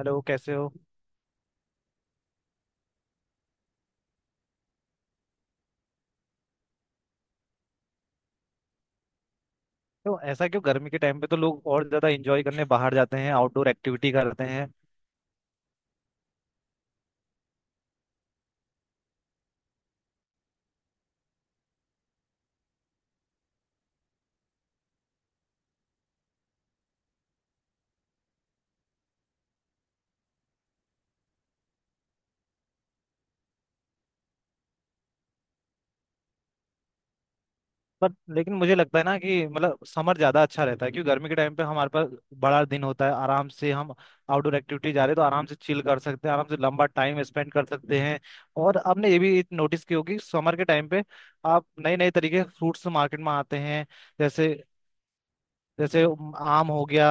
Hello, कैसे हो? तो ऐसा क्यों? गर्मी के टाइम पे तो लोग और ज्यादा एंजॉय करने बाहर जाते हैं, आउटडोर एक्टिविटी करते हैं। बट लेकिन मुझे लगता है ना कि मतलब समर ज्यादा अच्छा रहता है, क्योंकि गर्मी के टाइम पे हमारे पास बड़ा दिन होता है। आराम से हम आउटडोर एक्टिविटी जा रहे हैं तो आराम से चिल कर सकते हैं, आराम से लंबा टाइम स्पेंड कर सकते हैं। और आपने ये भी नोटिस की होगी समर के टाइम पे आप नए नए तरीके फ्रूट्स मार्केट में आते हैं। जैसे जैसे आम हो गया,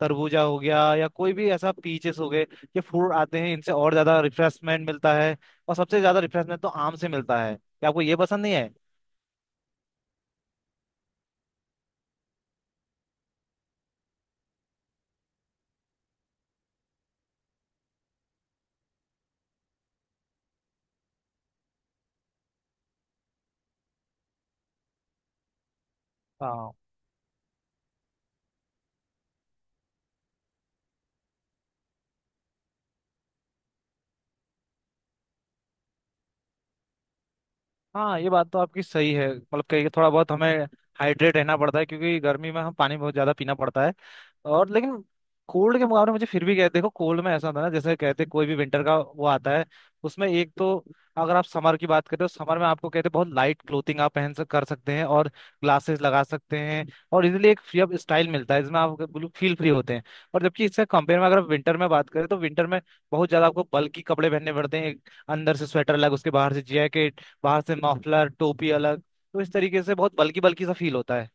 तरबूजा हो गया, या कोई भी ऐसा पीचेस हो गए। ये फ्रूट आते हैं, इनसे और ज्यादा रिफ्रेशमेंट मिलता है। और सबसे ज्यादा रिफ्रेशमेंट तो आम से मिलता है। क्या आपको ये पसंद नहीं है? हाँ, हाँ, ये बात तो आपकी सही है। मतलब कहीं थोड़ा बहुत हमें हाइड्रेट रहना पड़ता है, क्योंकि गर्मी में हम पानी बहुत ज्यादा पीना पड़ता है। और लेकिन कोल्ड के मुकाबले मुझे फिर भी कहते, देखो, कोल्ड में ऐसा था ना, जैसे कहते कोई भी विंटर का वो आता है, उसमें एक तो अगर आप समर की बात करें तो समर में आपको कहते बहुत लाइट क्लोथिंग आप पहन सक कर सकते हैं, और ग्लासेस लगा सकते हैं। और इजीली एक फ्री अप स्टाइल मिलता है, जिसमें आप बिल्कुल फील फ्री होते हैं। और जबकि इससे कंपेयर में अगर आप विंटर में बात करें तो विंटर में बहुत ज्यादा आपको बल्कि कपड़े पहनने पड़ते हैं, एक अंदर से स्वेटर अलग, उसके बाहर से जैकेट, बाहर से मफलर, टोपी अलग। तो इस तरीके से बहुत बल्कि बल्कि सा फील होता है।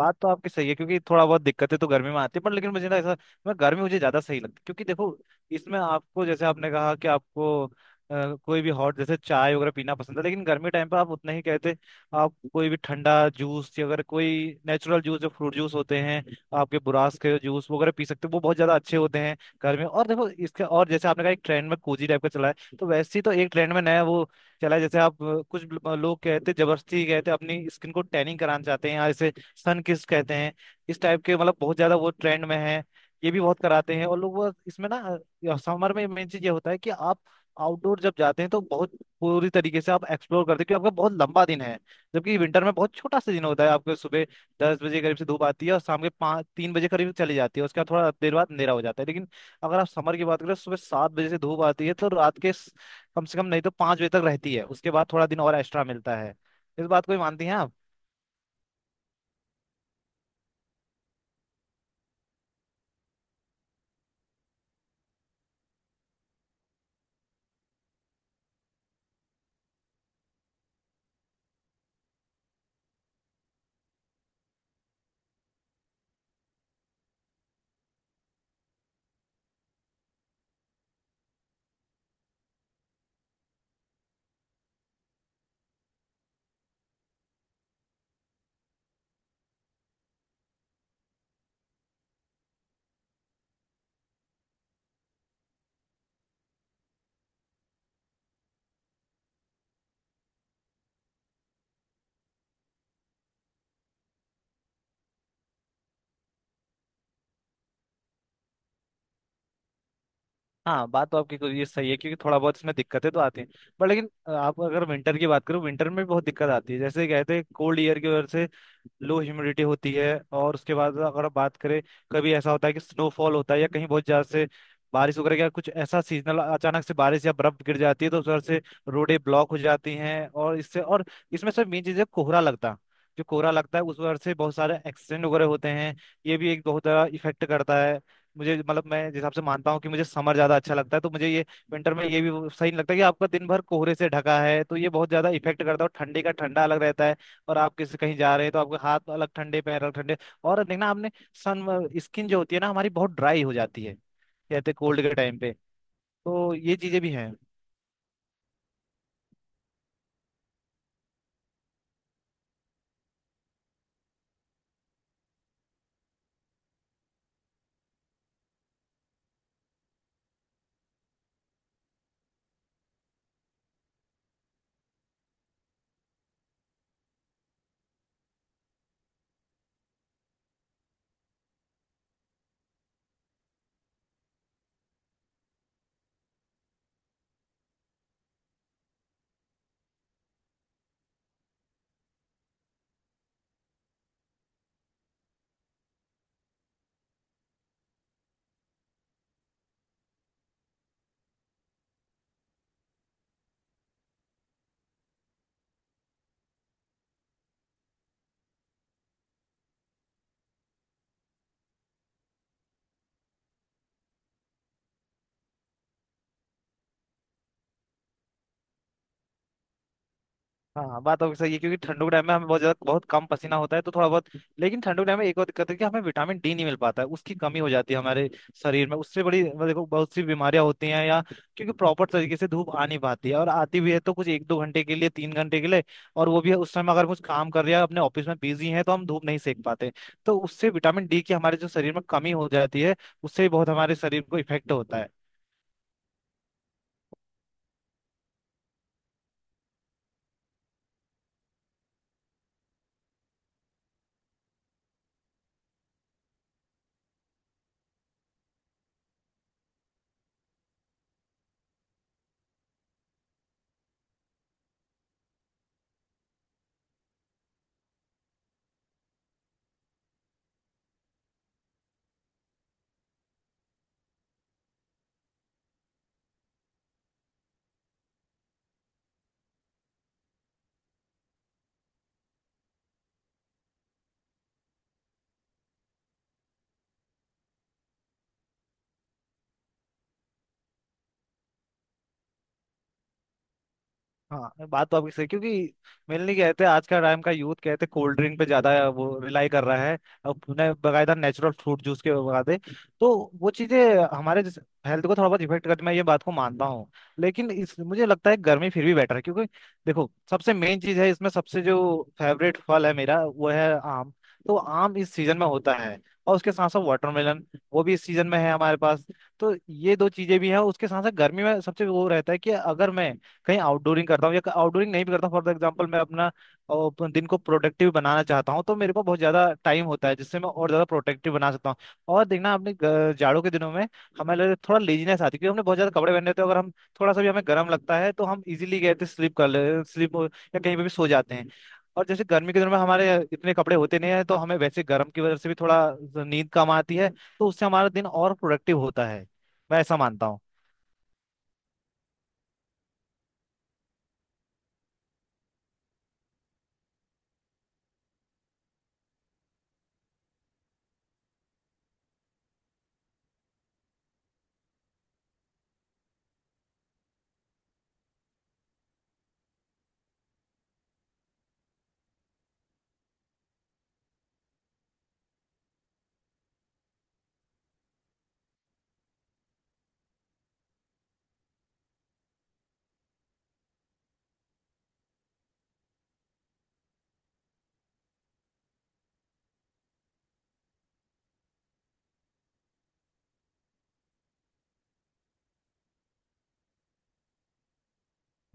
बात तो आपकी सही है, क्योंकि थोड़ा बहुत दिक्कतें तो गर्मी में आती है। पर लेकिन मुझे ना ऐसा, मैं गर्मी मुझे ज्यादा सही लगती है, क्योंकि देखो, इसमें आपको जैसे आपने कहा कि आपको कोई भी हॉट जैसे चाय वगैरह पीना पसंद है, लेकिन गर्मी टाइम पर आप उतना ही कहते, आप कोई भी ठंडा जूस, या अगर कोई नेचुरल जूस जो फ्रूट जूस होते हैं, आपके बुरास के जूस वगैरह पी सकते हो, वो बहुत ज्यादा अच्छे होते हैं गर्मी में। और देखो इसका, और जैसे आपने कहा एक ट्रेंड में कोजी टाइप का चला है, तो वैसे ही तो एक ट्रेंड में नया वो चला है। जैसे आप कुछ लोग कहते हैं, जबरदस्ती कहते हैं अपनी स्किन को टैनिंग कराना चाहते हैं, या ऐसे सन किस कहते हैं। इस टाइप के मतलब बहुत ज्यादा वो ट्रेंड में है, ये भी बहुत कराते हैं। और लोग वो इसमें ना समर में मेन चीज ये होता है कि आप आउटडोर जब जाते हैं तो बहुत पूरी तरीके से आप एक्सप्लोर करते हैं, क्योंकि आपका बहुत लंबा दिन है। जबकि विंटर में बहुत छोटा सा दिन होता है। आपके सुबह 10 बजे करीब से धूप आती है और शाम के पाँच तीन बजे करीब चली जाती है। उसके बाद थोड़ा देर बाद अंधेरा हो जाता है। लेकिन अगर आप समर की बात करें, सुबह 7 बजे से धूप आती है तो रात के कम से कम नहीं तो 5 बजे तक रहती है, उसके बाद थोड़ा दिन और एक्स्ट्रा मिलता है। इस बात को भी मानती हैं आप? हाँ, बात तो आपकी ये सही है, क्योंकि थोड़ा बहुत इसमें दिक्कतें तो आती हैं। पर लेकिन आप अगर विंटर की बात करो, विंटर में भी बहुत दिक्कत आती है। जैसे कहते हैं कोल्ड ईयर की वजह से लो ह्यूमिडिटी होती है। और उसके बाद अगर आप बात करें, कभी ऐसा होता है कि स्नोफॉल होता है, या कहीं बहुत ज्यादा से बारिश वगैरह का कुछ ऐसा सीजनल अचानक से बारिश या बर्फ गिर जाती है, तो उस वजह से रोडें ब्लॉक हो जाती हैं। और इससे, और इसमें सब मेन चीज़ है कोहरा लगता। जो कोहरा लगता है उस वजह से बहुत सारे एक्सीडेंट वगैरह होते हैं। ये भी एक बहुत बड़ा इफेक्ट करता है। मुझे मतलब मैं जिस हिसाब से मानता हूँ कि मुझे समर ज्यादा अच्छा लगता है, तो मुझे ये विंटर में ये भी सही नहीं लगता कि आपका दिन भर कोहरे से ढका है। तो ये बहुत ज्यादा इफेक्ट करता है। और ठंडी का ठंडा अलग रहता है, और आप किसी कहीं जा रहे हैं तो आपके हाथ अलग ठंडे, पैर अलग ठंडे। और देखना आपने, सन स्किन जो होती है ना हमारी बहुत ड्राई हो जाती है कहते कोल्ड के टाइम पे। तो ये चीजें भी हैं। हाँ, बात आपकी सही है, क्योंकि ठंडों के टाइम में हमें बहुत ज्यादा बहुत कम पसीना होता है। तो थोड़ा बहुत, लेकिन ठंडों के टाइम में एक और दिक्कत है कि हमें विटामिन डी नहीं मिल पाता है, उसकी कमी हो जाती है हमारे शरीर में। उससे बड़ी मतलब, देखो, बहुत सी बीमारियां होती हैं, या क्योंकि प्रॉपर तरीके से धूप आ नहीं पाती है, और आती भी है तो कुछ एक दो घंटे के लिए, 3 घंटे के लिए। और वो भी उस समय अगर कुछ काम कर रहे हैं अपने ऑफिस में बिजी हैं तो हम धूप नहीं सेक पाते। तो उससे विटामिन डी की हमारे जो शरीर में कमी हो जाती है, उससे भी बहुत हमारे शरीर को इफेक्ट होता है। हाँ, बात तो आपकी सही, क्योंकि मेरे लिए कहते हैं आज का टाइम का यूथ कहते हैं कोल्ड ड्रिंक पे ज्यादा वो रिलाई कर रहा है, और उन्हें बकायदा नेचुरल फ्रूट जूस के बगाते। तो वो चीजें हमारे हेल्थ को थोड़ा बहुत इफेक्ट करती, मैं ये बात को मानता हूँ। लेकिन इस मुझे लगता है गर्मी फिर भी बेटर है, क्योंकि देखो सबसे मेन चीज है इसमें, सबसे जो फेवरेट फल है मेरा वो है आम। तो आम इस सीजन में होता है, और उसके साथ साथ वाटरमेलन, वो भी इस सीजन में है हमारे पास। तो ये दो चीजें भी हैं। उसके साथ साथ गर्मी में सबसे वो रहता है कि अगर मैं कहीं आउटडोरिंग करता हूँ, या आउटडोरिंग नहीं भी करता हूँ। फॉर एग्जाम्पल मैं अपना अपन दिन को प्रोडक्टिव बनाना चाहता हूँ, तो मेरे पास बहुत ज्यादा टाइम होता है जिससे मैं और ज्यादा प्रोडक्टिव बना सकता हूँ। और देखना अपने जाड़ों के दिनों में हमारे लिए थोड़ा लेजीनेस आती है, क्योंकि हमने बहुत ज्यादा कपड़े पहने होते हैं। अगर हम थोड़ा सा भी हमें गर्म लगता है तो हम इजीली कहते स्लीप कर ले स्लीप या कहीं पे भी सो जाते हैं। और जैसे गर्मी के दिनों में हमारे इतने कपड़े होते नहीं है तो हमें वैसे गर्म की वजह से भी थोड़ा नींद कम आती है। तो उससे हमारा दिन और प्रोडक्टिव होता है, मैं ऐसा मानता हूँ।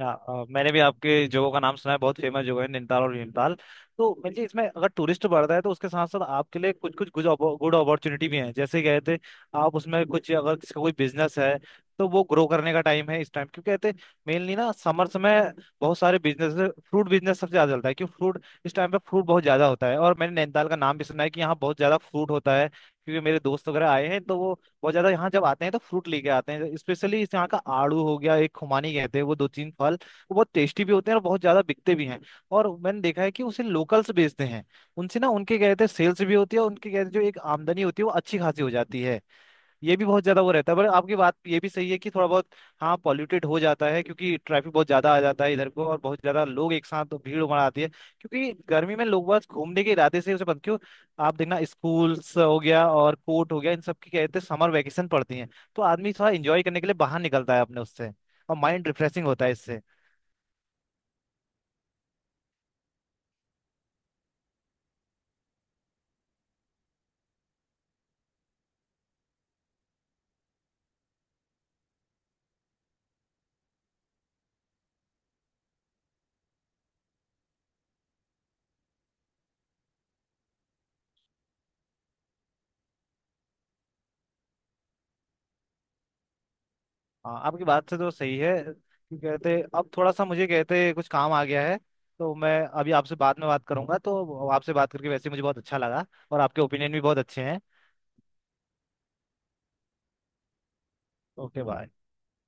हाँ, मैंने भी आपके जगहों का नाम सुना है, बहुत फेमस जगह है नैनीताल और भीमताल। तो मुझे इसमें अगर टूरिस्ट बढ़ता है तो उसके साथ साथ आपके लिए कुछ कुछ गुड गुड अपॉर्चुनिटी भी हैं। जैसे कहते हैं आप उसमें कुछ अगर किसी का कोई बिजनेस है, तो वो ग्रो करने का टाइम है इस टाइम, क्योंकि कहते हैं मेनली ना समर समय बहुत सारे बिजनेस, फ्रूट बिजनेस सबसे ज्यादा चलता है, क्योंकि फ्रूट इस टाइम पे फ्रूट बहुत ज्यादा होता है। और मैंने नैनीताल का नाम भी सुना है कि यहाँ बहुत ज्यादा फ्रूट होता है, क्योंकि मेरे दोस्त वगैरह आए हैं, तो वो बहुत ज्यादा यहाँ जब आते हैं तो फ्रूट लेके आते हैं। स्पेशली इस यहाँ का आड़ू हो गया, एक खुमानी कहते हैं वो, दो तीन फल वो बहुत टेस्टी भी होते हैं और बहुत ज्यादा बिकते भी हैं। और मैंने देखा है कि उसे लोकल्स बेचते हैं उनसे ना, उनके कहते हैं सेल्स भी होती है, उनके कहते हैं जो एक आमदनी होती है वो अच्छी खासी हो जाती है। ये भी बहुत ज्यादा वो रहता है। पर आपकी बात ये भी सही है कि थोड़ा बहुत हाँ पॉल्यूटेड हो जाता है, क्योंकि ट्रैफिक बहुत ज्यादा आ जाता है इधर को, और बहुत ज्यादा लोग एक साथ तो भीड़ उमड़ आती है, क्योंकि गर्मी में लोग बस घूमने के इरादे से उसे बंद क्यों आप देखना स्कूल्स हो गया और कोर्ट हो गया, इन सब की कहते हैं समर वैकेशन पड़ती है। तो आदमी थोड़ा इंजॉय करने के लिए बाहर निकलता है अपने उससे, और माइंड रिफ्रेशिंग होता है इससे। हाँ, आपकी बात से तो सही है कि कहते अब थोड़ा सा मुझे कहते कुछ काम आ गया है। तो मैं अभी आपसे बाद में बात करूंगा। तो आपसे बात करके वैसे ही मुझे बहुत अच्छा लगा, और आपके ओपिनियन भी बहुत अच्छे हैं। Okay, bye.